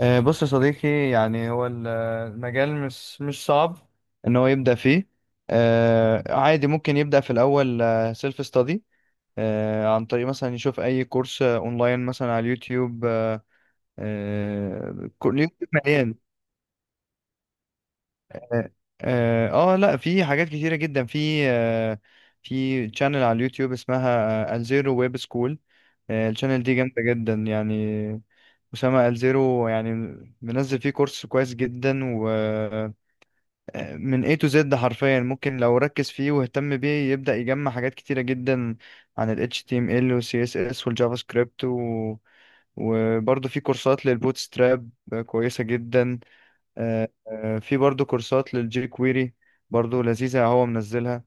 بص يا صديقي، يعني هو المجال مش صعب ان هو يبدأ فيه. عادي ممكن يبدأ في الاول سيلف ستادي عن طريق مثلا يشوف اي كورس اونلاين مثلا على اليوتيوب. اليوتيوب مليان. اه. لا، في حاجات كتيرة جدا في. في تشانل على اليوتيوب اسمها الزيرو ويب سكول. التشانل دي جامدة جدا يعني، أسامة الزيرو يعني منزل فيه كورس كويس جدا، من A to Z حرفيا، ممكن لو ركز فيه واهتم بيه يبدأ يجمع حاجات كتيرة جدا عن ال HTML وال CSS والجافا سكريبت وبرضه في كورسات للبوتستراب كويسة جدا. في برضه كورسات للجي كويري، برضه لذيذة هو منزلها.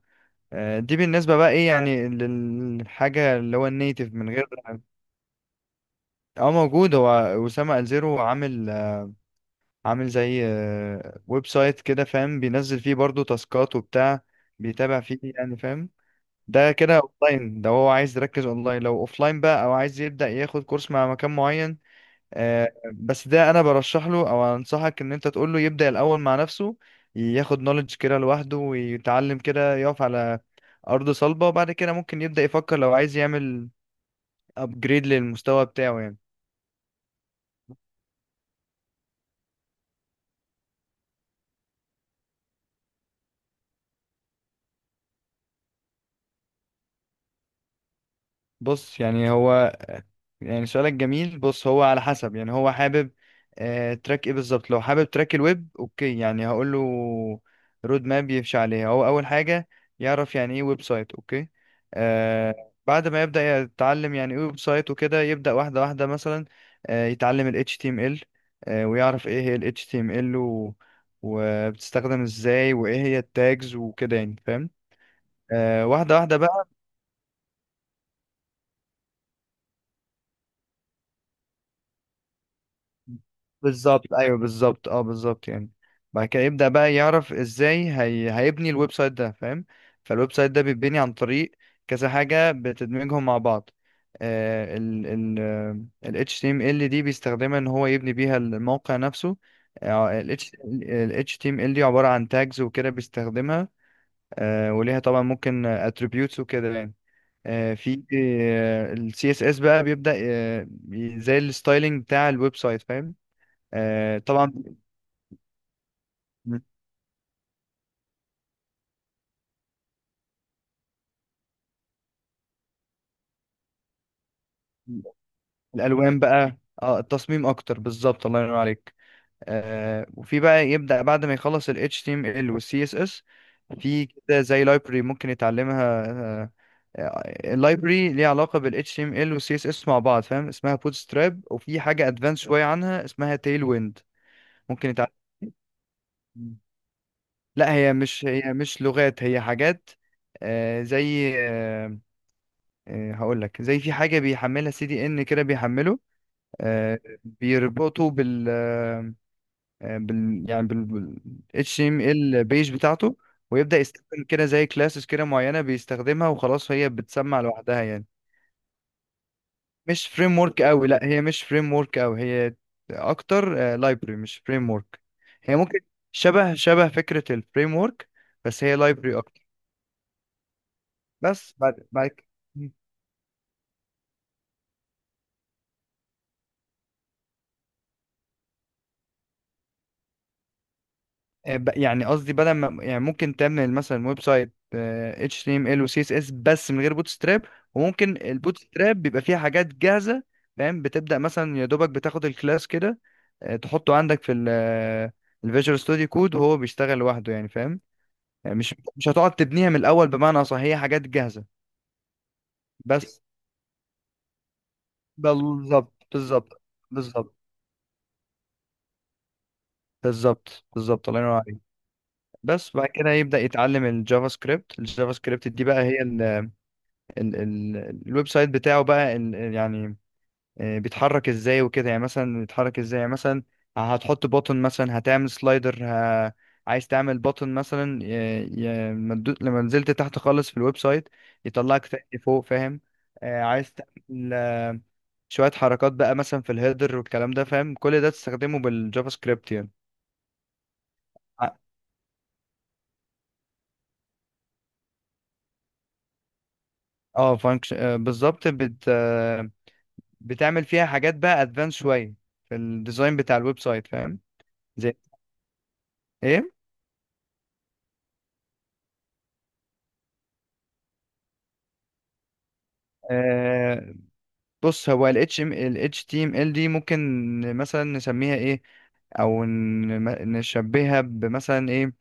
دي بالنسبة بقى ايه، يعني للحاجة اللي هو النيتف من غير. اه، موجود. هو أسامة الزيرو عامل زي ويب سايت كده، فاهم؟ بينزل فيه برضو تاسكات وبتاع، بيتابع فيه يعني، فاهم؟ ده كده اونلاين. ده هو عايز يركز اونلاين. لو اوفلاين بقى، او عايز يبدأ ياخد كورس مع مكان معين. بس ده انا برشح له، او انصحك ان انت تقول له يبدأ الاول مع نفسه، ياخد نوليدج كده لوحده ويتعلم كده، يقف على ارض صلبة، وبعد كده ممكن يبدأ يفكر لو عايز يعمل ابجريد للمستوى بتاعه يعني. بص يعني هو، يعني سؤالك جميل. بص هو على حسب، يعني هو حابب تراك ايه بالظبط؟ لو حابب تراك الويب، اوكي، يعني هقول له رود ماب يمشي عليها. هو اول حاجة يعرف يعني ايه ويب سايت، اوكي. آه بعد ما يبدأ يتعلم يعني ايه ويب سايت وكده، يبدأ واحدة واحدة مثلا. يتعلم ال HTML، ويعرف ايه هي ال HTML وبتستخدم ازاي، وايه هي التاجز وكده يعني، فاهم؟ واحدة واحدة بقى. بالظبط، ايوه بالظبط، اه بالظبط يعني. بعد كده يبدأ بقى يعرف ازاي هيبني الويب سايت ده، فاهم؟ فالويب سايت ده بيتبني عن طريق كذا حاجة بتدمجهم مع بعض. ال HTML دي بيستخدمها ان هو يبني بيها الموقع نفسه. ال HTML دي عبارة عن tags وكده بيستخدمها. وليها طبعا ممكن attributes وكده يعني. في ال CSS بقى بيبدأ، زي الستايلينج بتاع الويب سايت، فاهم؟ طبعا. م- م- الالوان بقى، اه، التصميم اكتر بالظبط، الله ينور عليك. وفي بقى، يبدا بعد ما يخلص ال HTML وال CSS، في كده زي لايبرري ممكن يتعلمها. اللايبرري ليها علاقه بال HTML وال CSS مع بعض، فاهم؟ اسمها bootstrap، وفي حاجه ادفانس شويه عنها اسمها تيل ويند. ممكن يتعلم. لا، هي مش لغات، هي حاجات. زي هقول لك، زي في حاجه بيحملها سي دي ان كده بيحمله. آه، بيربطوا بال آه، بال يعني بال بال HTML بيج بتاعته. ويبدأ يستخدم كده زي كلاسز كده معينة بيستخدمها، وخلاص هي بتسمع لوحدها يعني. مش فريم ورك قوي، لا هي مش فريم ورك قوي، هي اكتر لايبرري، مش فريم ورك. هي ممكن شبه شبه فكرة الفريم ورك، بس هي لايبرري اكتر. بس بعد بعد كده- يعني قصدي، بدل ما يعني ممكن تعمل مثلا ويب سايت، HTML و CSS بس من غير بوت ستراب، وممكن البوت ستراب بيبقى فيها حاجات جاهزة. فاهم؟ بتبدأ مثلا يا دوبك بتاخد الكلاس كده، تحطه عندك في الفيجوال ستوديو كود، وهو بيشتغل لوحده يعني، فاهم؟ يعني مش هتقعد تبنيها من الأول، بمعنى صح هي حاجات جاهزة بس. بالظبط، بالظبط، بالظبط، بالظبط، بالظبط، الله ينور عليك. بس بعد كده يبدأ يتعلم الجافا سكريبت. الجافا سكريبت دي بقى، هي ال الويب سايت بتاعه بقى يعني بيتحرك ازاي وكده، يعني مثلا بيتحرك ازاي، يعني مثلا هتحط بوتن مثلا، هتعمل سلايدر، عايز تعمل بوتن مثلا، لما نزلت تحت خالص في الويب سايت يطلعك تاني فوق، فاهم؟ عايز تعمل شوية حركات بقى مثلا في الهيدر والكلام ده، فاهم؟ كل ده تستخدمه بالجافا سكريبت يعني. ع- اه، فانكشن بالظبط، بت... آه، بتعمل فيها حاجات بقى ادفانس شوية في الديزاين بتاع الويب سايت، فاهم؟ ايه. آه بص هو الاتش تي ام ال دي ممكن مثلا نسميها ايه، او نشبهها بمثلا ايه.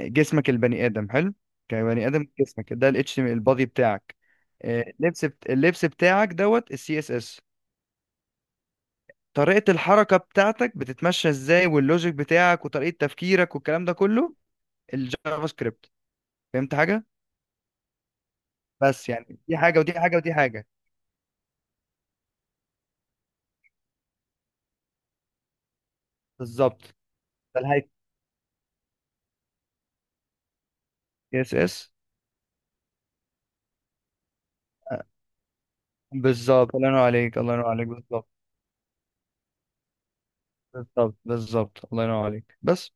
جسمك، البني ادم حلو، كبني ادم جسمك ده الاتش ام البادي بتاعك. اللبس بتاعك دوت السي اس اس. طريقة الحركة بتاعتك بتتمشى ازاي، واللوجيك بتاعك، وطريقة تفكيرك، والكلام ده كله الجافا سكريبت. فهمت حاجة؟ بس يعني دي حاجة ودي حاجة ودي حاجة. بالظبط، ده الهيكل، اس اس، بالظبط، الله ينور عليك، الله ينور عليك، بالظبط، بالظبط، بالظبط، الله ينور عليك، بس.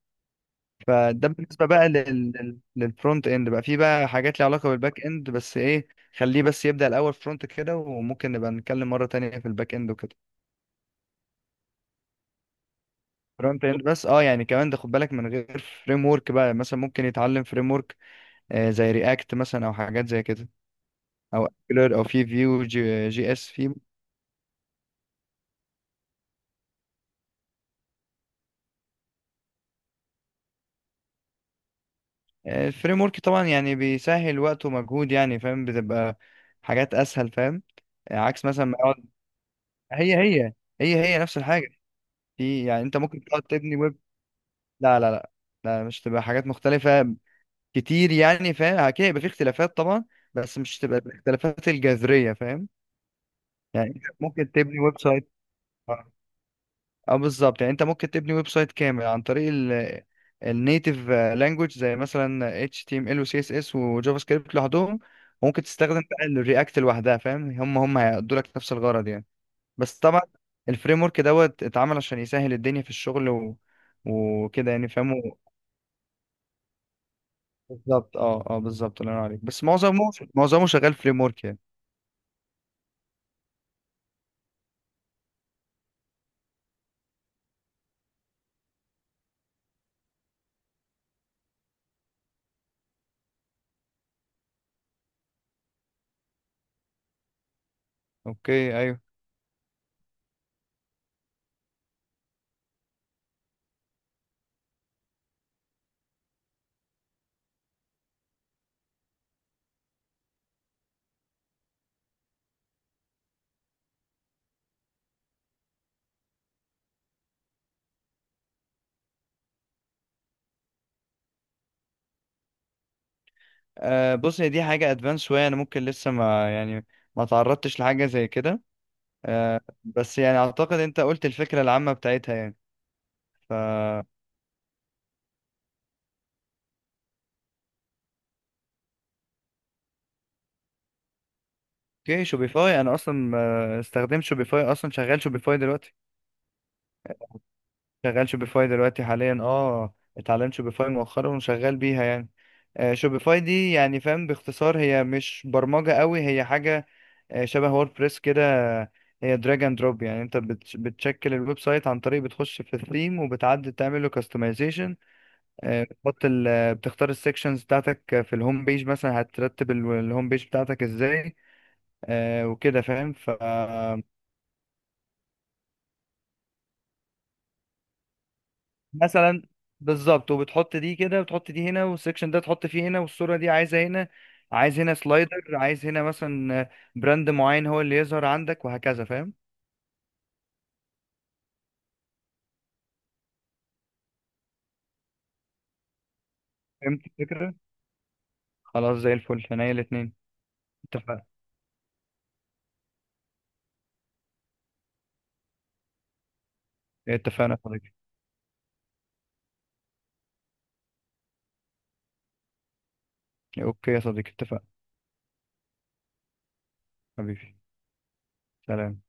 فده بالنسبه بقى للفرونت اند. بقى في بقى حاجات ليها علاقه بالباك اند، بس ايه، خليه بس يبدا الاول فرونت كده، وممكن نبقى نتكلم مره تانية في الباك اند وكده. فرونت اند بس، اه، يعني كمان ده خد بالك. من غير فريم ورك بقى، مثلا ممكن يتعلم فريم ورك زي رياكت مثلا، او حاجات زي كده، او Angular، او في فيو جي اس في. الفريم ورك طبعا يعني بيسهل وقت ومجهود يعني، فاهم؟ بتبقى حاجات اسهل، فاهم؟ عكس مثلا ما يقعد. هي هي، هي هي نفس الحاجه. في يعني انت ممكن تقعد تبني ويب. لا، لا، لا، لا مش تبقى حاجات مختلفه كتير يعني، فاهم؟ اكيد هيبقى في اختلافات طبعا، بس مش تبقى الاختلافات الجذريه، فاهم؟ يعني أنت ممكن تبني ويب سايت، اه بالظبط. يعني انت ممكن تبني ويب سايت كامل عن طريق النيتيف لانجوج، زي مثلا HTML و CSS وجافا سكريبت لوحدهم، وممكن تستخدم بقى الرياكت لوحدها، فاهم؟ هم هيأدوا لك نفس الغرض يعني. بس طبعا الفريم ورك دوت اتعمل عشان يسهل الدنيا في الشغل وكده يعني، فاهمه؟ بالظبط، اه اه بالظبط، الله ينور عليك، بس معظمه، معظمه شغال فريم ورك يعني. اوكي، ايوه. بص هي دي حاجه ادفانس شويه، انا ممكن لسه ما تعرضتش لحاجه زي كده. بس يعني اعتقد انت قلت الفكره العامه بتاعتها يعني. ف اوكي، شوبيفاي، انا اصلا ما استخدمت شوبيفاي. اصلا شغال شوبيفاي دلوقتي. شغال شوبيفاي دلوقتي حاليا، اه، اتعلمت شوبيفاي مؤخرا وشغال بيها يعني. شوبيفاي دي يعني فاهم، باختصار هي مش برمجه قوي، هي حاجه شبه ووردبريس كده. هي دراج اند دروب، يعني انت بتشكل الويب سايت عن طريق بتخش في الثيم وبتعدل تعمل له. بتحط ال آه، بتختار السكشنز بتاعتك، في الهوم بيج، مثلا هترتب الهوم بيج بتاعتك ازاي. وكده فاهم. ف مثلا. بالظبط. وبتحط دي كده، وتحط دي هنا، والسكشن ده تحط فيه هنا، والصورة دي عايزة هنا، عايز هنا سلايدر، عايز هنا مثلا براند معين هو اللي يظهر عندك وهكذا، فاهم؟ فهمت الفكرة. خلاص زي الفل هنا الاتنين. اتفقنا. اتفقنا يا صديقي. اوكي يا صديقي اتفقنا. حبيبي. سلام.